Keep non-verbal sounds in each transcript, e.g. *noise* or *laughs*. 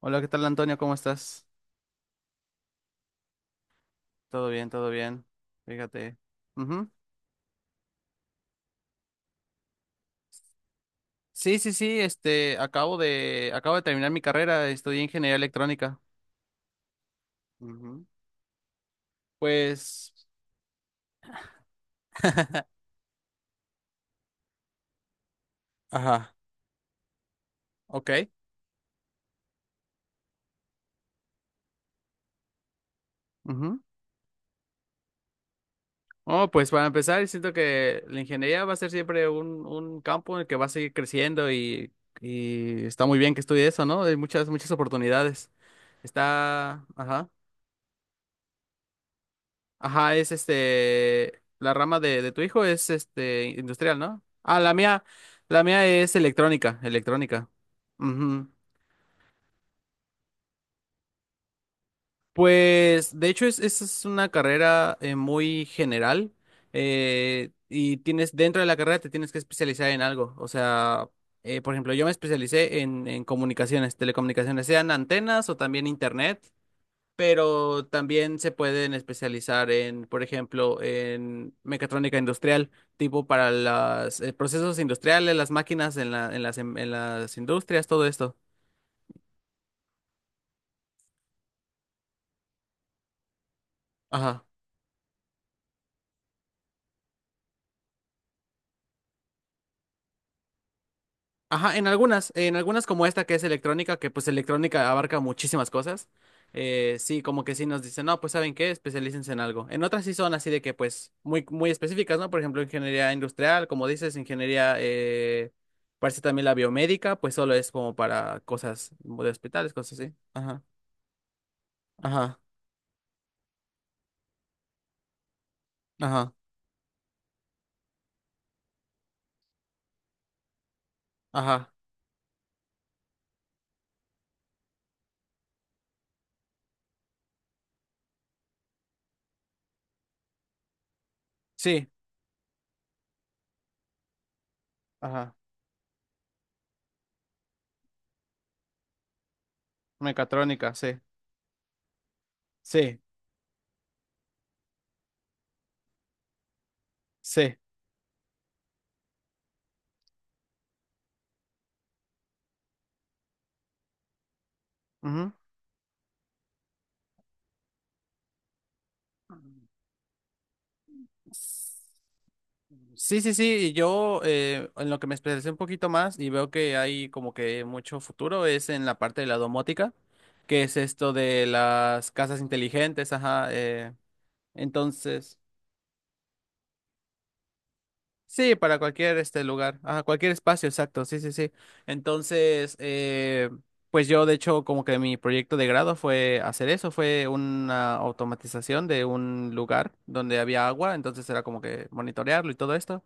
Hola, ¿qué tal, Antonio? ¿Cómo estás? Todo bien, todo bien. Fíjate. Ujú. Sí, sí, sí, acabo acabo de terminar mi carrera, estudié ingeniería electrónica. Ujú. Pues, *laughs* ajá, ok. Ujú. Oh, pues para empezar, siento que la ingeniería va a ser siempre un campo en el que va a seguir creciendo y está muy bien que estudie eso, ¿no? Hay muchas, muchas oportunidades. Está, ajá. Ajá, es este, la rama de tu hijo es este, industrial, ¿no? Ah, la mía es electrónica, electrónica. Ujú. Pues, de hecho, es una carrera muy general y tienes, dentro de la carrera te tienes que especializar en algo. O sea, por ejemplo, yo me especialicé en comunicaciones, telecomunicaciones, sean antenas o también internet. Pero también se pueden especializar en, por ejemplo, en mecatrónica industrial, tipo para los procesos industriales, las máquinas en en en las industrias, todo esto. Ajá. Ajá, en algunas como esta que es electrónica, que pues electrónica abarca muchísimas cosas. Sí, como que sí nos dicen, no, pues ¿saben qué? Especialícense en algo. En otras sí son así de que pues muy, muy específicas, ¿no? Por ejemplo, ingeniería industrial, como dices, ingeniería, parece también la biomédica, pues solo es como para cosas de hospitales, cosas así. Ajá, ajá, ajá, ajá. Sí, ajá. Mecatrónica, sí, sí, sí. Ujú. Sí, sí, sí, yo en lo que me especialicé un poquito más y veo que hay como que mucho futuro es en la parte de la domótica, que es esto de las casas inteligentes, ajá, entonces, sí, para cualquier este lugar, ajá, cualquier espacio, exacto, sí, sí, sí. Entonces, pues yo de hecho como que mi proyecto de grado fue hacer eso, fue una automatización de un lugar donde había agua, entonces era como que monitorearlo y todo esto.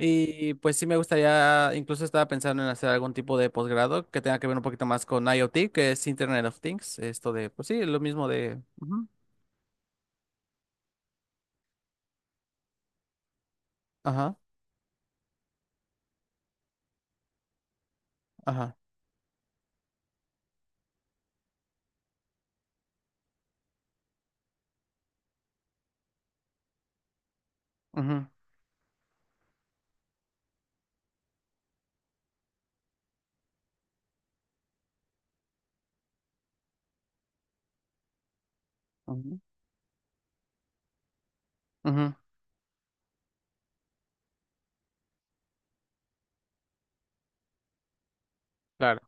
Y pues sí me gustaría, incluso estaba pensando en hacer algún tipo de posgrado que tenga que ver un poquito más con IoT, que es Internet of Things, esto de, pues sí, lo mismo de... ujú, ajá, ajá, ujú, ujú, ujú, claro.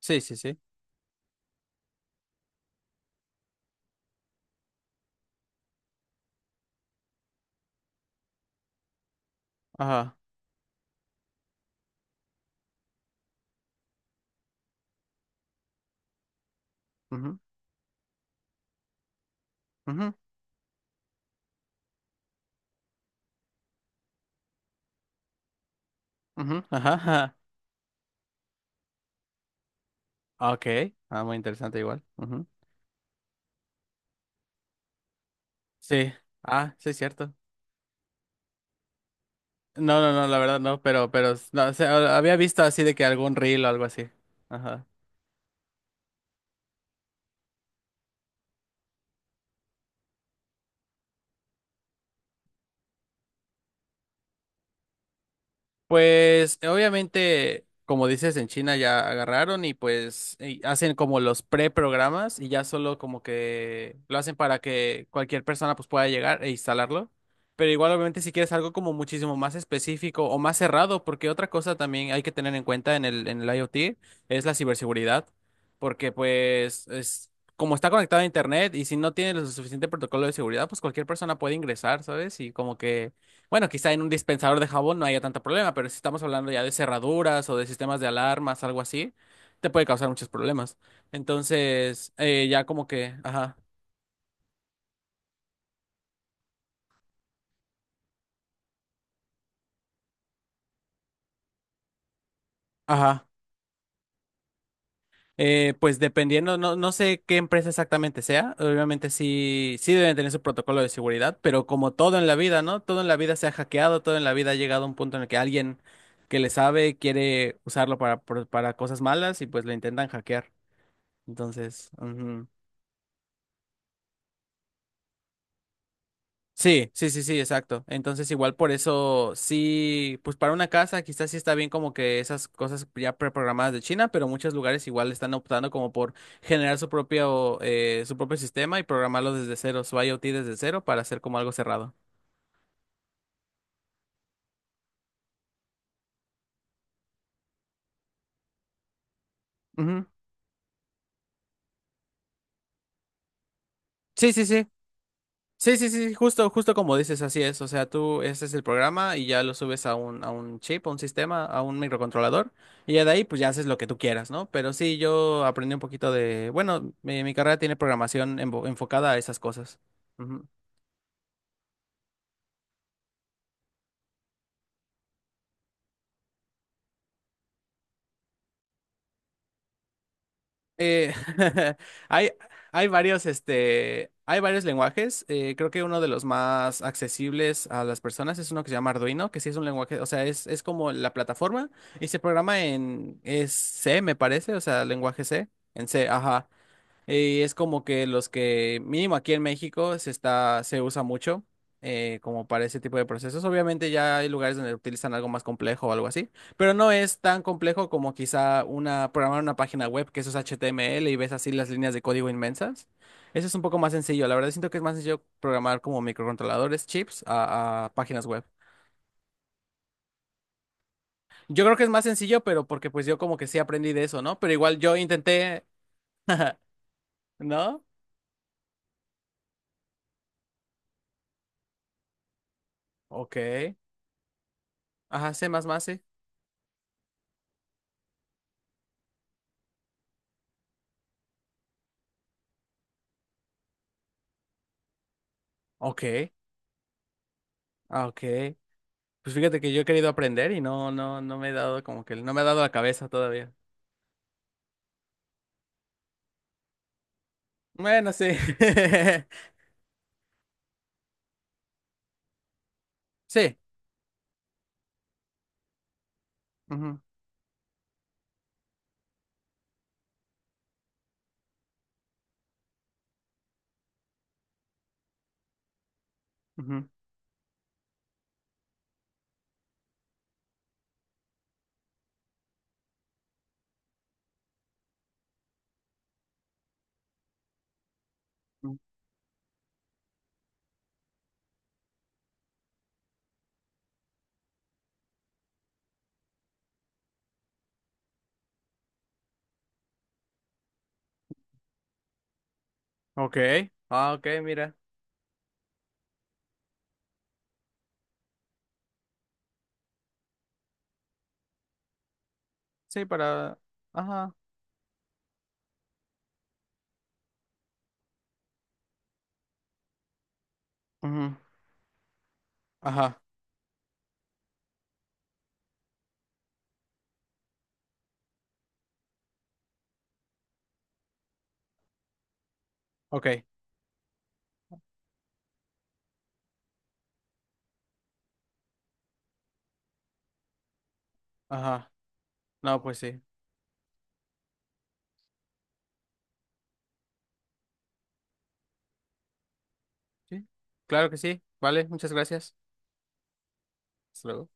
Sí, sí, sí. Ajá, ujú, ujú, ujú, ajá, *laughs* ajá. Ok, ah, muy interesante igual. Ujú. Sí, ah, sí, es cierto. No, no, no, la verdad no, pero, no, o sea, había visto así de que algún reel o algo así. Ajá. Pues obviamente, como dices, en China ya agarraron y pues y hacen como los preprogramas y ya solo como que lo hacen para que cualquier persona pues pueda llegar e instalarlo. Pero igual obviamente si quieres algo como muchísimo más específico o más cerrado, porque otra cosa también hay que tener en cuenta en en el IoT es la ciberseguridad, porque pues es como está conectado a internet y si no tiene lo suficiente protocolo de seguridad, pues cualquier persona puede ingresar, ¿sabes? Y como que bueno, quizá en un dispensador de jabón no haya tanto problema, pero si estamos hablando ya de cerraduras o de sistemas de alarmas, algo así, te puede causar muchos problemas. Entonces, ya como que, ajá, ajá. Pues dependiendo, no, no sé qué empresa exactamente sea, obviamente sí, sí deben tener su protocolo de seguridad, pero como todo en la vida, ¿no? Todo en la vida se ha hackeado, todo en la vida ha llegado a un punto en el que alguien que le sabe quiere usarlo para cosas malas y pues lo intentan hackear. Entonces, ujú. Sí, sí, sí, sí, exacto. Entonces, igual por eso, sí, pues para una casa quizás sí está bien como que esas cosas ya preprogramadas de China, pero muchos lugares igual están optando como por generar su propio sistema y programarlo desde cero, su IoT desde cero para hacer como algo cerrado. Ujú. Sí, sí, sí. Sí, sí, sí, justo, justo como dices, así es. O sea, tú, ese es el programa y ya lo subes a un chip, a un sistema, a un microcontrolador, y ya de ahí, pues ya haces lo que tú quieras, ¿no? Pero sí, yo aprendí un poquito de, bueno, mi carrera tiene programación enfocada a esas cosas. Ujú. Eh, *laughs* hay, hay varios, este, hay varios lenguajes. Creo que uno de los más accesibles a las personas es uno que se llama Arduino, que sí es un lenguaje, o sea, es como la plataforma y se programa en, es C, me parece, o sea, lenguaje C, en C, ajá. Y es como que los que, mínimo aquí en México, se está, se usa mucho como para ese tipo de procesos. Obviamente ya hay lugares donde utilizan algo más complejo o algo así, pero no es tan complejo como quizá una, programar una página web que eso es HTML y ves así las líneas de código inmensas. Eso es un poco más sencillo. La verdad siento que es más sencillo programar como microcontroladores, chips, a páginas web. Yo creo que es más sencillo, pero porque pues yo como que sí aprendí de eso, ¿no? Pero igual yo intenté, *laughs* ¿no? Ok. Ajá, C++, sí. Ok. Ah, ok. Pues fíjate que yo he querido aprender y no, no, no me he dado como que no me ha dado la cabeza todavía. Bueno, sí. *laughs* Sí. Ujú, ujú, ujú. Ok. Ah, ok, mira. Sí, para. Ajá. Ujú, ajá. Ok. Ajá. No, pues sí. Sí. Claro que sí. Vale, muchas gracias. Hasta luego.